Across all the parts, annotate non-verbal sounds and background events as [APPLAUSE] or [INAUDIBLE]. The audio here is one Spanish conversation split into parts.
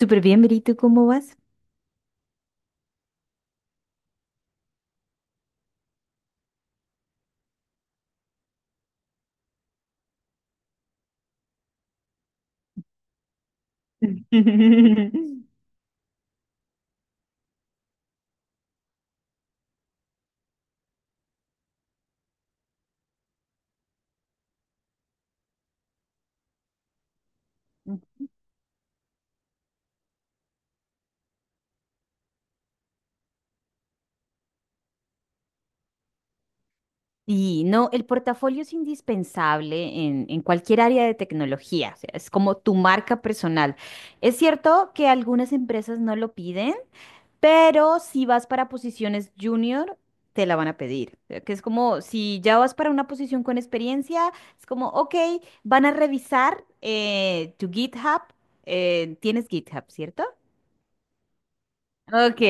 Súper bien, Verito, ¿cómo vas? Y no, el portafolio es indispensable en cualquier área de tecnología, o sea, es como tu marca personal. Es cierto que algunas empresas no lo piden, pero si vas para posiciones junior, te la van a pedir. O sea, que es como, si ya vas para una posición con experiencia, es como, ok, van a revisar tu GitHub, tienes GitHub, ¿cierto? Ok,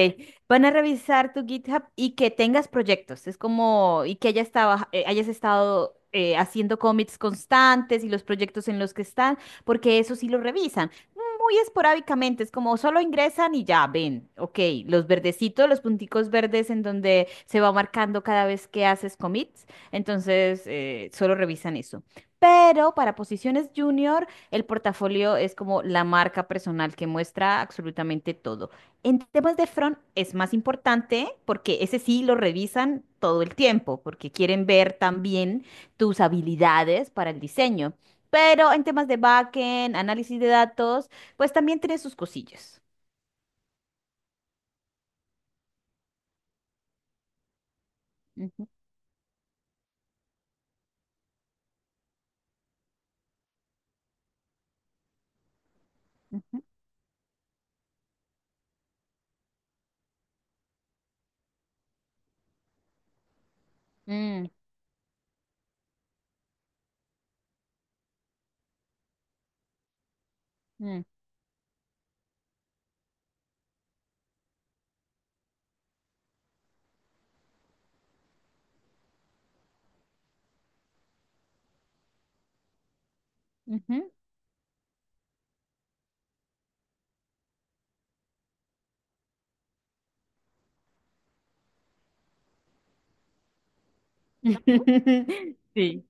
van a revisar tu GitHub y que tengas proyectos. Es como, y que hayas estado, haciendo commits constantes y los proyectos en los que están, porque eso sí lo revisan. Muy esporádicamente, es como solo ingresan y ya ven. Ok, los verdecitos, los punticos verdes en donde se va marcando cada vez que haces commits. Entonces, solo revisan eso. Pero para posiciones junior, el portafolio es como la marca personal que muestra absolutamente todo. En temas de front es más importante porque ese sí lo revisan todo el tiempo, porque quieren ver también tus habilidades para el diseño. Pero en temas de backend, análisis de datos, pues también tiene sus cosillas. Ujú, ujú. Mm, mm, ujú, ujú. [LAUGHS] Sí.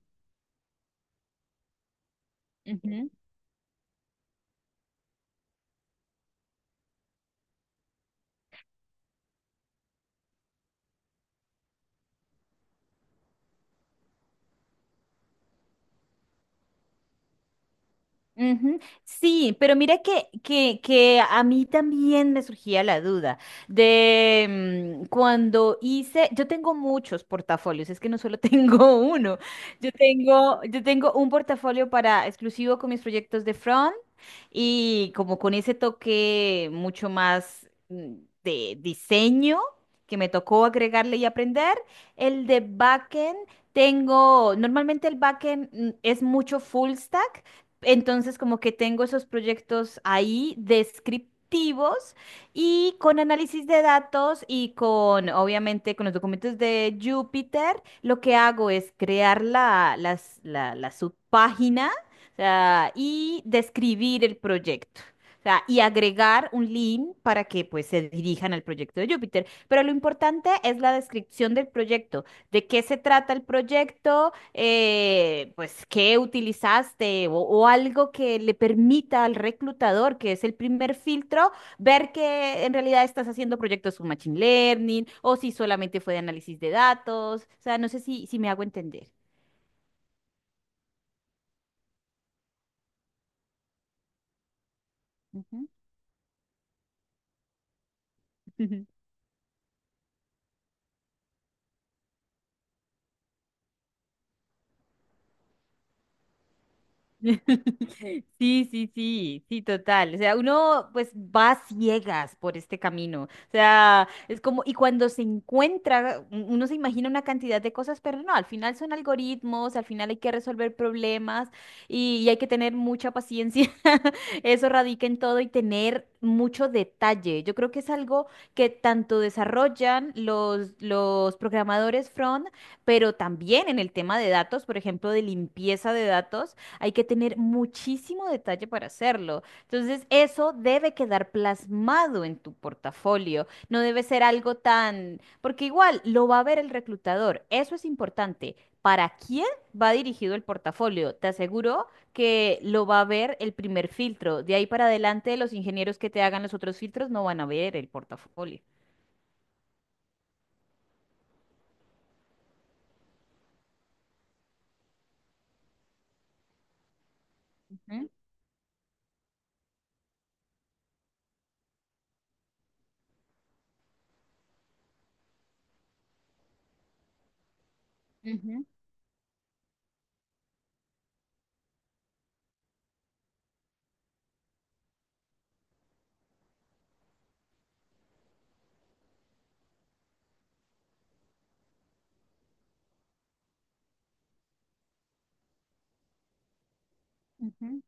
Ujú. Sí, pero mira que a mí también me surgía la duda de cuando hice, yo tengo muchos portafolios, es que no solo [LAUGHS] tengo uno, yo tengo un portafolio para exclusivo con mis proyectos de front y como con ese toque mucho más de diseño que me tocó agregarle y aprender, el de backend. Tengo, normalmente el backend es mucho full stack, entonces, como que tengo esos proyectos ahí descriptivos y con análisis de datos y con, obviamente, con los documentos de Jupyter, lo que hago es crear la subpágina, o sea, y describir el proyecto. O sea, y agregar un link para que pues se dirijan al proyecto de Jupyter. Pero lo importante es la descripción del proyecto, de qué se trata el proyecto, pues, qué utilizaste o algo que le permita al reclutador, que es el primer filtro, ver que en realidad estás haciendo proyectos con Machine Learning o si solamente fue de análisis de datos. O sea, no sé si me hago entender. Ujú. [LAUGHS] [LAUGHS] Sí, sí, sí, sí, total. O sea, uno pues va a ciegas por este camino. O sea, es como, y cuando se encuentra, uno se imagina una cantidad de cosas, pero no, al final son algoritmos, al final hay que resolver problemas y hay que tener mucha paciencia. [LAUGHS] Eso radica en todo y tener mucho detalle. Yo creo que es algo que tanto desarrollan los programadores front, pero también en el tema de datos, por ejemplo, de limpieza de datos. Hay que tener muchísimo detalle para hacerlo. Entonces, eso debe quedar plasmado en tu portafolio. No debe ser algo tan, porque igual lo va a ver el reclutador. Eso es importante. ¿Para quién va dirigido el portafolio? Te aseguro que lo va a ver el primer filtro. De ahí para adelante, los ingenieros que te hagan los otros filtros no van a ver el portafolio. Ujú, ujú, ujú.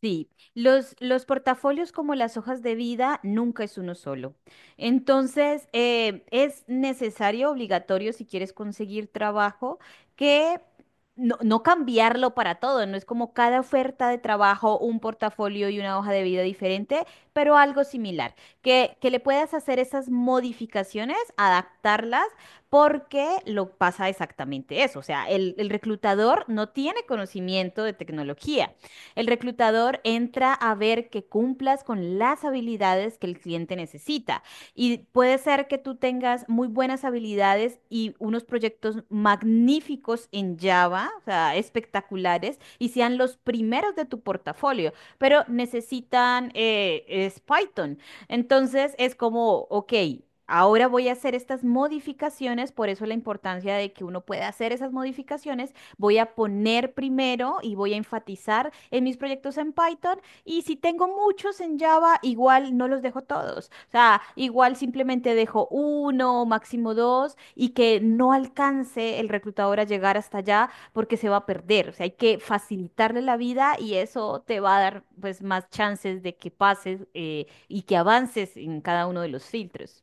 Sí, los portafolios como las hojas de vida nunca es uno solo. Entonces, es necesario, obligatorio, si quieres conseguir trabajo, que no cambiarlo para todo. No es como cada oferta de trabajo, un portafolio y una hoja de vida diferente, pero algo similar. Que le puedas hacer esas modificaciones, adaptarlas, porque lo pasa exactamente eso. O sea, el reclutador no tiene conocimiento de tecnología. El reclutador entra a ver que cumplas con las habilidades que el cliente necesita. Y puede ser que tú tengas muy buenas habilidades y unos proyectos magníficos en Java, o sea, espectaculares, y sean los primeros de tu portafolio, pero necesitan es Python. Entonces es como, ok. Ahora voy a hacer estas modificaciones, por eso la importancia de que uno pueda hacer esas modificaciones voy a poner primero y voy a enfatizar en mis proyectos en Python. Y si tengo muchos en Java, igual no los dejo todos. O sea, igual simplemente dejo uno, máximo dos, y que no alcance el reclutador a llegar hasta allá porque se va a perder. O sea, hay que facilitarle la vida y eso te va a dar pues más chances de que pases y que avances en cada uno de los filtros.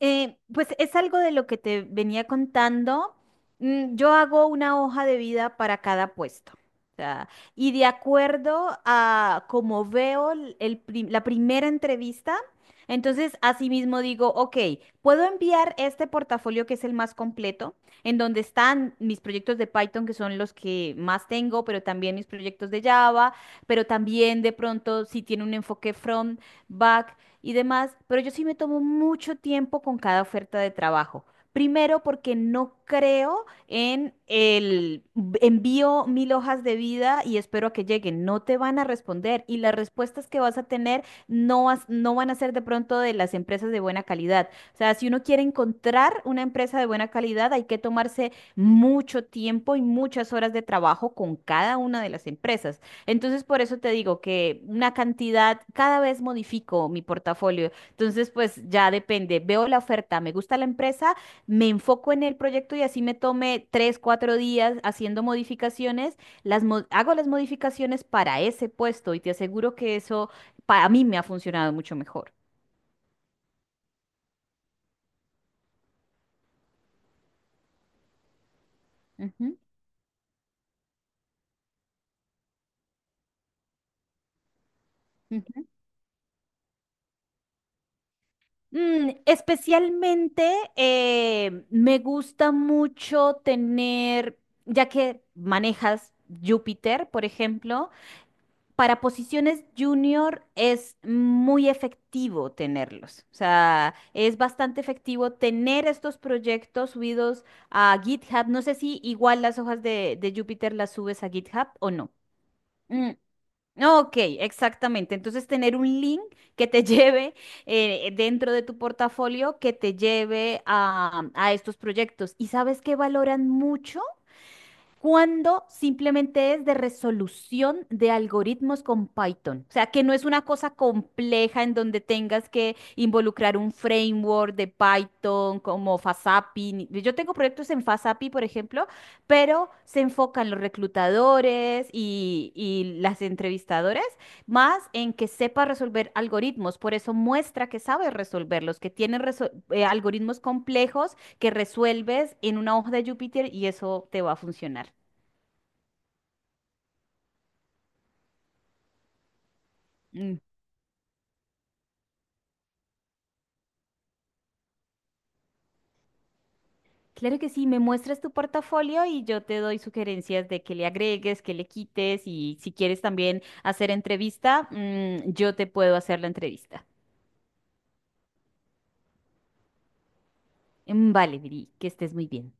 Pues es algo de lo que te venía contando. Yo hago una hoja de vida para cada puesto. O sea, y de acuerdo a cómo veo la primera entrevista, entonces asimismo digo, ok, puedo enviar este portafolio que es el más completo, en donde están mis proyectos de Python, que son los que más tengo, pero también mis proyectos de Java, pero también de pronto si tiene un enfoque front, back y demás, pero yo sí me tomo mucho tiempo con cada oferta de trabajo. Primero, porque no creo en envío mil hojas de vida y espero a que lleguen. No te van a responder y las respuestas que vas a tener no, no van a ser de pronto de las empresas de buena calidad. O sea, si uno quiere encontrar una empresa de buena calidad, hay que tomarse mucho tiempo y muchas horas de trabajo con cada una de las empresas. Entonces, por eso te digo que una cantidad, cada vez modifico mi portafolio. Entonces, pues ya depende. Veo la oferta, me gusta la empresa, me enfoco en el proyecto y así me tome 3, 4 días haciendo modificaciones. Hago las modificaciones para ese puesto y te aseguro que eso para mí me ha funcionado mucho mejor. Ujú. Ujú. Especialmente me gusta mucho tener, ya que manejas Júpiter, por ejemplo, para posiciones junior es muy efectivo tenerlos. O sea, es bastante efectivo tener estos proyectos subidos a GitHub. No sé si igual las hojas de Jupyter las subes a GitHub o no. Mm, ok, exactamente. Entonces, tener un link que te [LAUGHS] lleve dentro de tu portafolio, que te lleve a estos proyectos. ¿Y sabes qué valoran mucho? Cuando simplemente es de resolución de algoritmos con Python. O sea, que no es una cosa compleja en donde tengas que involucrar un framework de Python como FastAPI. Yo tengo proyectos en FastAPI, por ejemplo, pero se enfocan los reclutadores y las entrevistadoras más en que sepa resolver algoritmos. Por eso muestra que sabe resolverlos, que tiene algoritmos complejos que resuelves en una hoja de Júpiter y eso te va a funcionar. Mm, claro que sí, me muestras tu portafolio y yo te doy sugerencias de que le agregues, que le quites y si quieres también hacer entrevista, yo te puedo hacer la entrevista. Mm, vale, Viri, que estés muy bien.